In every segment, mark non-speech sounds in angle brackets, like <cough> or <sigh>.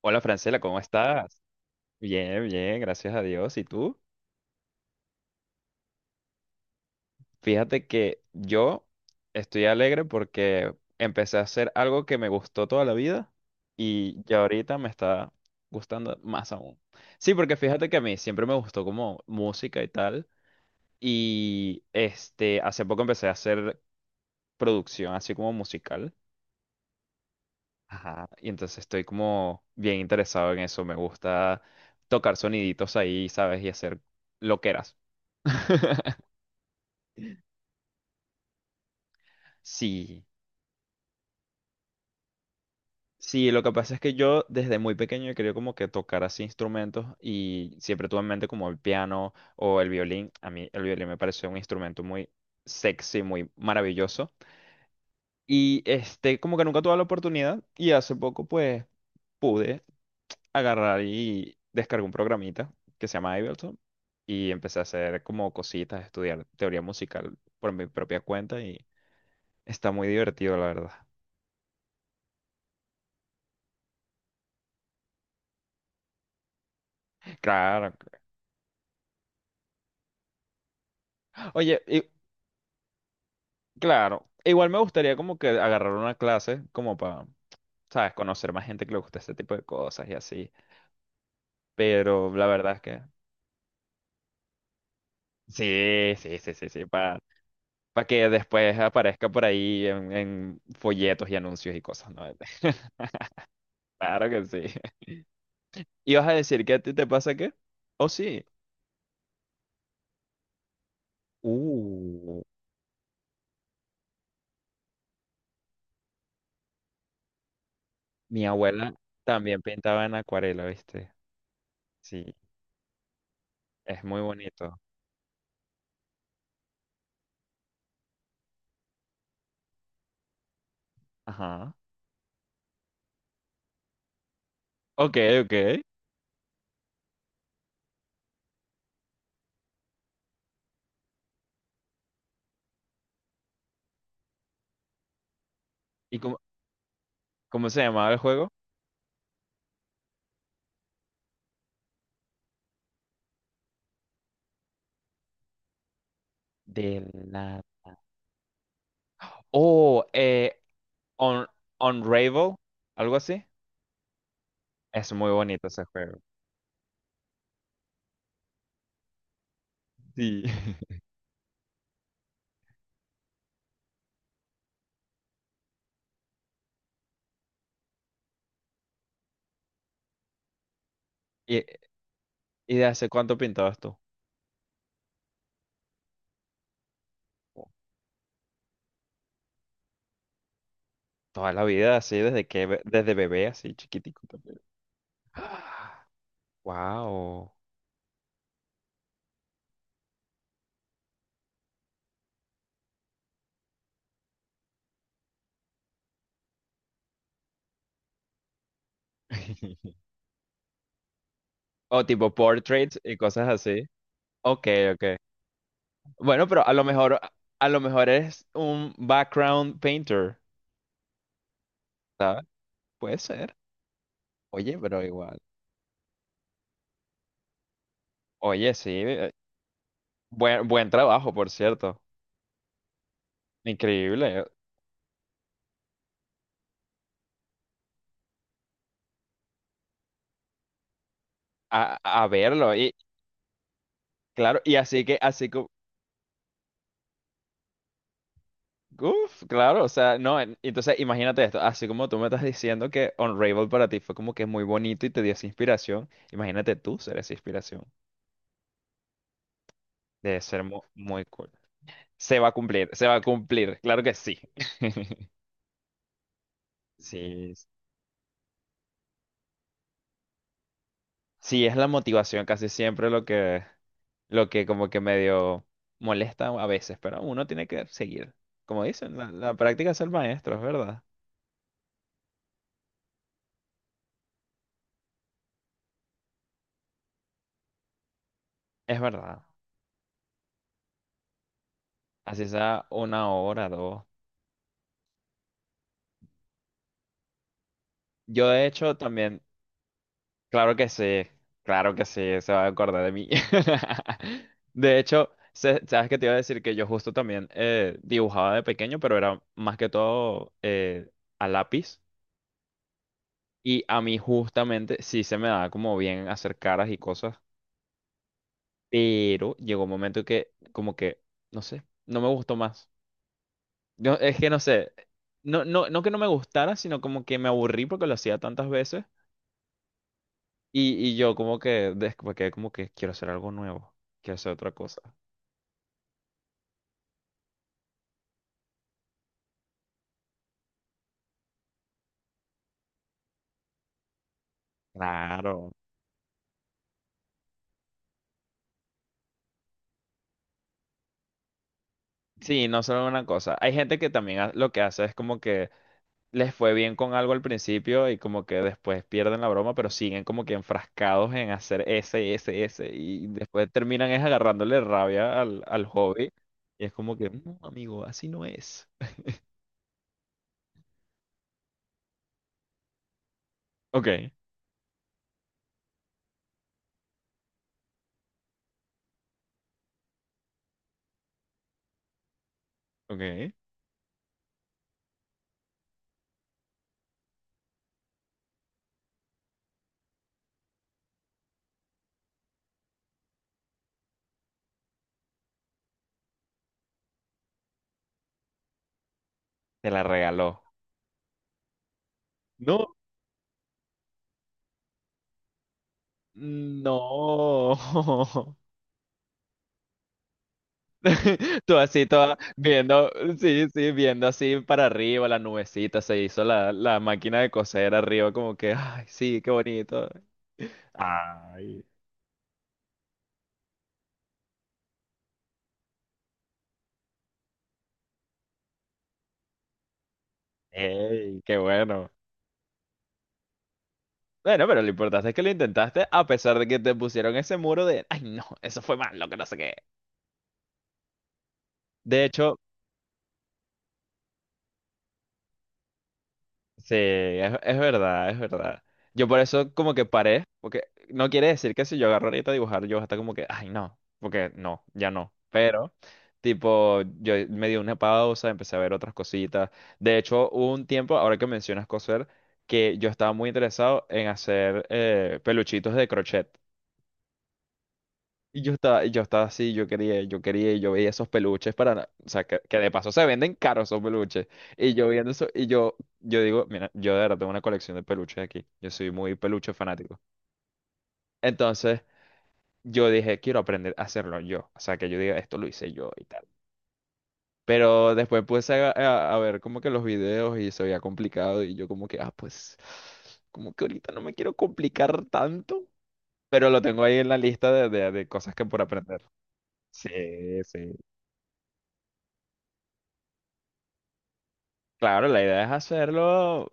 Hola Francela, ¿cómo estás? Bien, bien, gracias a Dios. ¿Y tú? Fíjate que yo estoy alegre porque empecé a hacer algo que me gustó toda la vida y ya ahorita me está gustando más aún. Sí, porque fíjate que a mí siempre me gustó como música y tal y este hace poco empecé a hacer producción así como musical. Ajá, y entonces estoy como bien interesado en eso. Me gusta tocar soniditos ahí, ¿sabes? Y hacer loqueras. <laughs> Sí, sí, lo que pasa es que yo desde muy pequeño he querido como que tocar así instrumentos y siempre tuve en mente como el piano o el violín. A mí el violín me pareció un instrumento muy sexy, muy maravilloso. Y este, como que nunca tuve la oportunidad y hace poco pues pude agarrar y descargué un programita que se llama Ableton y empecé a hacer como cositas, estudiar teoría musical por mi propia cuenta y está muy divertido, la verdad. Claro. Oye, y, claro, igual me gustaría como que agarrar una clase como para, ¿sabes? Conocer más gente que le gusta este tipo de cosas y así, pero la verdad es que sí, sí, sí, sí, sí, para... Para que después aparezca por ahí en folletos y anuncios y cosas, ¿no? <laughs> Claro que sí. ¿Y vas a decir que a ti te pasa qué? ¿O sí? Uh, mi abuela también pintaba en acuarela, ¿viste? Sí, es muy bonito. Ajá. Ok, ok. ¿Y cómo, cómo se llamaba el juego? De la... Oh, Un- Unravel, algo así. Es muy bonito ese juego. Sí. <laughs> ¿Y, y de hace cuánto pintabas tú? Oh, toda la vida, así, desde que, be- desde bebé, así, chiquitico también. <gasps> Wow. <laughs> O tipo portraits y cosas así. Ok, ok. Bueno, pero a lo mejor eres un background painter, ¿sabes? Puede ser. Oye, pero igual. Oye, sí. Buen, buen trabajo, por cierto. Increíble. A verlo. Y claro, y así que, así como. Uf, claro, o sea, no, en- entonces imagínate esto, así como tú me estás diciendo que Unravel para ti fue como que muy bonito y te dio esa inspiración, imagínate tú ser esa inspiración, debe ser mu- muy cool. Se va a cumplir, se va a cumplir, claro que sí. <laughs> Sí, sí, es la motivación casi siempre lo que como que medio molesta a veces, pero uno tiene que seguir. Como dicen, la práctica es el maestro, es verdad. Es verdad. Así sea una hora, dos. Yo de hecho también, claro que sí, claro que sí, se va a acordar de mí. <laughs> De hecho, se- sabes que te iba a decir que yo justo también dibujaba de pequeño, pero era más que todo a lápiz. Y a mí justamente sí se me daba como bien hacer caras y cosas, pero llegó un momento que como que, no sé, no me gustó más. Yo, es que no sé, no, no, no que no me gustara, sino como que me aburrí porque lo hacía tantas veces y yo como que después quedé como que quiero hacer algo nuevo, quiero hacer otra cosa. Claro. Sí, no solo una cosa. Hay gente que también ha- lo que hace es como que les fue bien con algo al principio y como que después pierden la broma, pero siguen como que enfrascados en hacer ese, ese, ese y después terminan es agarrándole rabia al, al hobby y es como que, no, amigo, así no es. Ok, ok, te la regaló. No, no. <laughs> <laughs> Tú así, toda viendo, sí, sí, viendo así para arriba la nubecita, se hizo la, la máquina de coser arriba como que, ay, sí, qué bonito. Ay. Ey, qué bueno. Bueno, pero lo importante es que lo intentaste a pesar de que te pusieron ese muro de, ay, no, eso fue malo, que no sé qué. De hecho, sí, es verdad, es verdad. Yo por eso como que paré, porque no quiere decir que si yo agarro ahorita a dibujar, yo hasta como que, ay, no, porque no, ya no. Pero, tipo, yo me di una pausa, empecé a ver otras cositas. De hecho, hubo un tiempo, ahora que mencionas coser, que yo estaba muy interesado en hacer peluchitos de crochet. Y yo estaba así, yo quería, y yo veía esos peluches para, na- o sea, que de paso se venden caros esos peluches. Y yo viendo eso, y yo digo, mira, yo de verdad tengo una colección de peluches aquí. Yo soy muy peluche fanático. Entonces, yo dije, quiero aprender a hacerlo yo. O sea, que yo diga, esto lo hice yo y tal. Pero después puse a ver como que los videos y se veía complicado y yo como que, ah, pues, como que ahorita no me quiero complicar tanto. Pero lo tengo ahí en la lista de cosas que por aprender. Sí, sí. Claro, la idea es hacerlo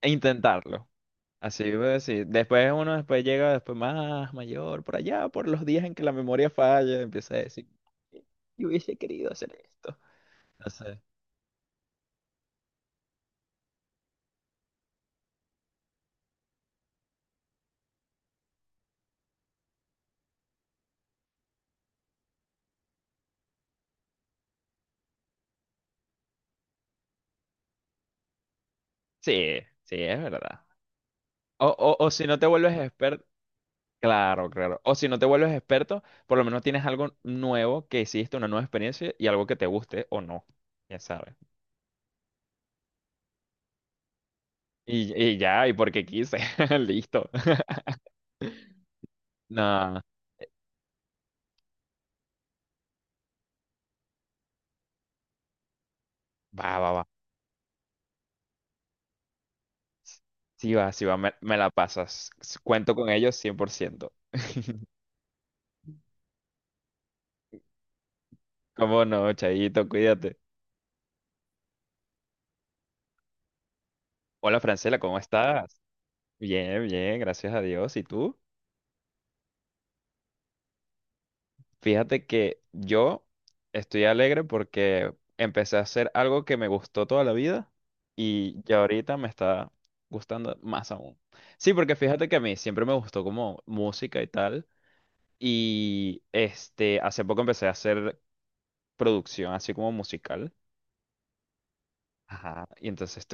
e intentarlo. Así voy a decir. Después uno después llega después más mayor, por allá, por los días en que la memoria falla, empieza a decir, yo hubiese querido hacer esto. No sé. Sí, sí, es verdad. O si no te vuelves experto, claro, claro. O si no te vuelves experto, por lo menos tienes algo nuevo que hiciste, una nueva experiencia y algo que te guste o no. Ya sabes. Y ya, y porque quise. <laughs> Listo. <laughs> No, va, va, va. Sí va, sí va, me la pasas. Cuento con ellos 100%. <laughs> ¿Cómo no, Chayito? Cuídate. Hola, Francela, ¿cómo estás? Bien, bien, gracias a Dios. ¿Y tú? Fíjate que yo estoy alegre porque empecé a hacer algo que me gustó toda la vida y ya ahorita me está gustando más aún. Sí, porque fíjate que a mí siempre me gustó como música y tal. Y este, hace poco empecé a hacer producción así como musical. Ajá. Y entonces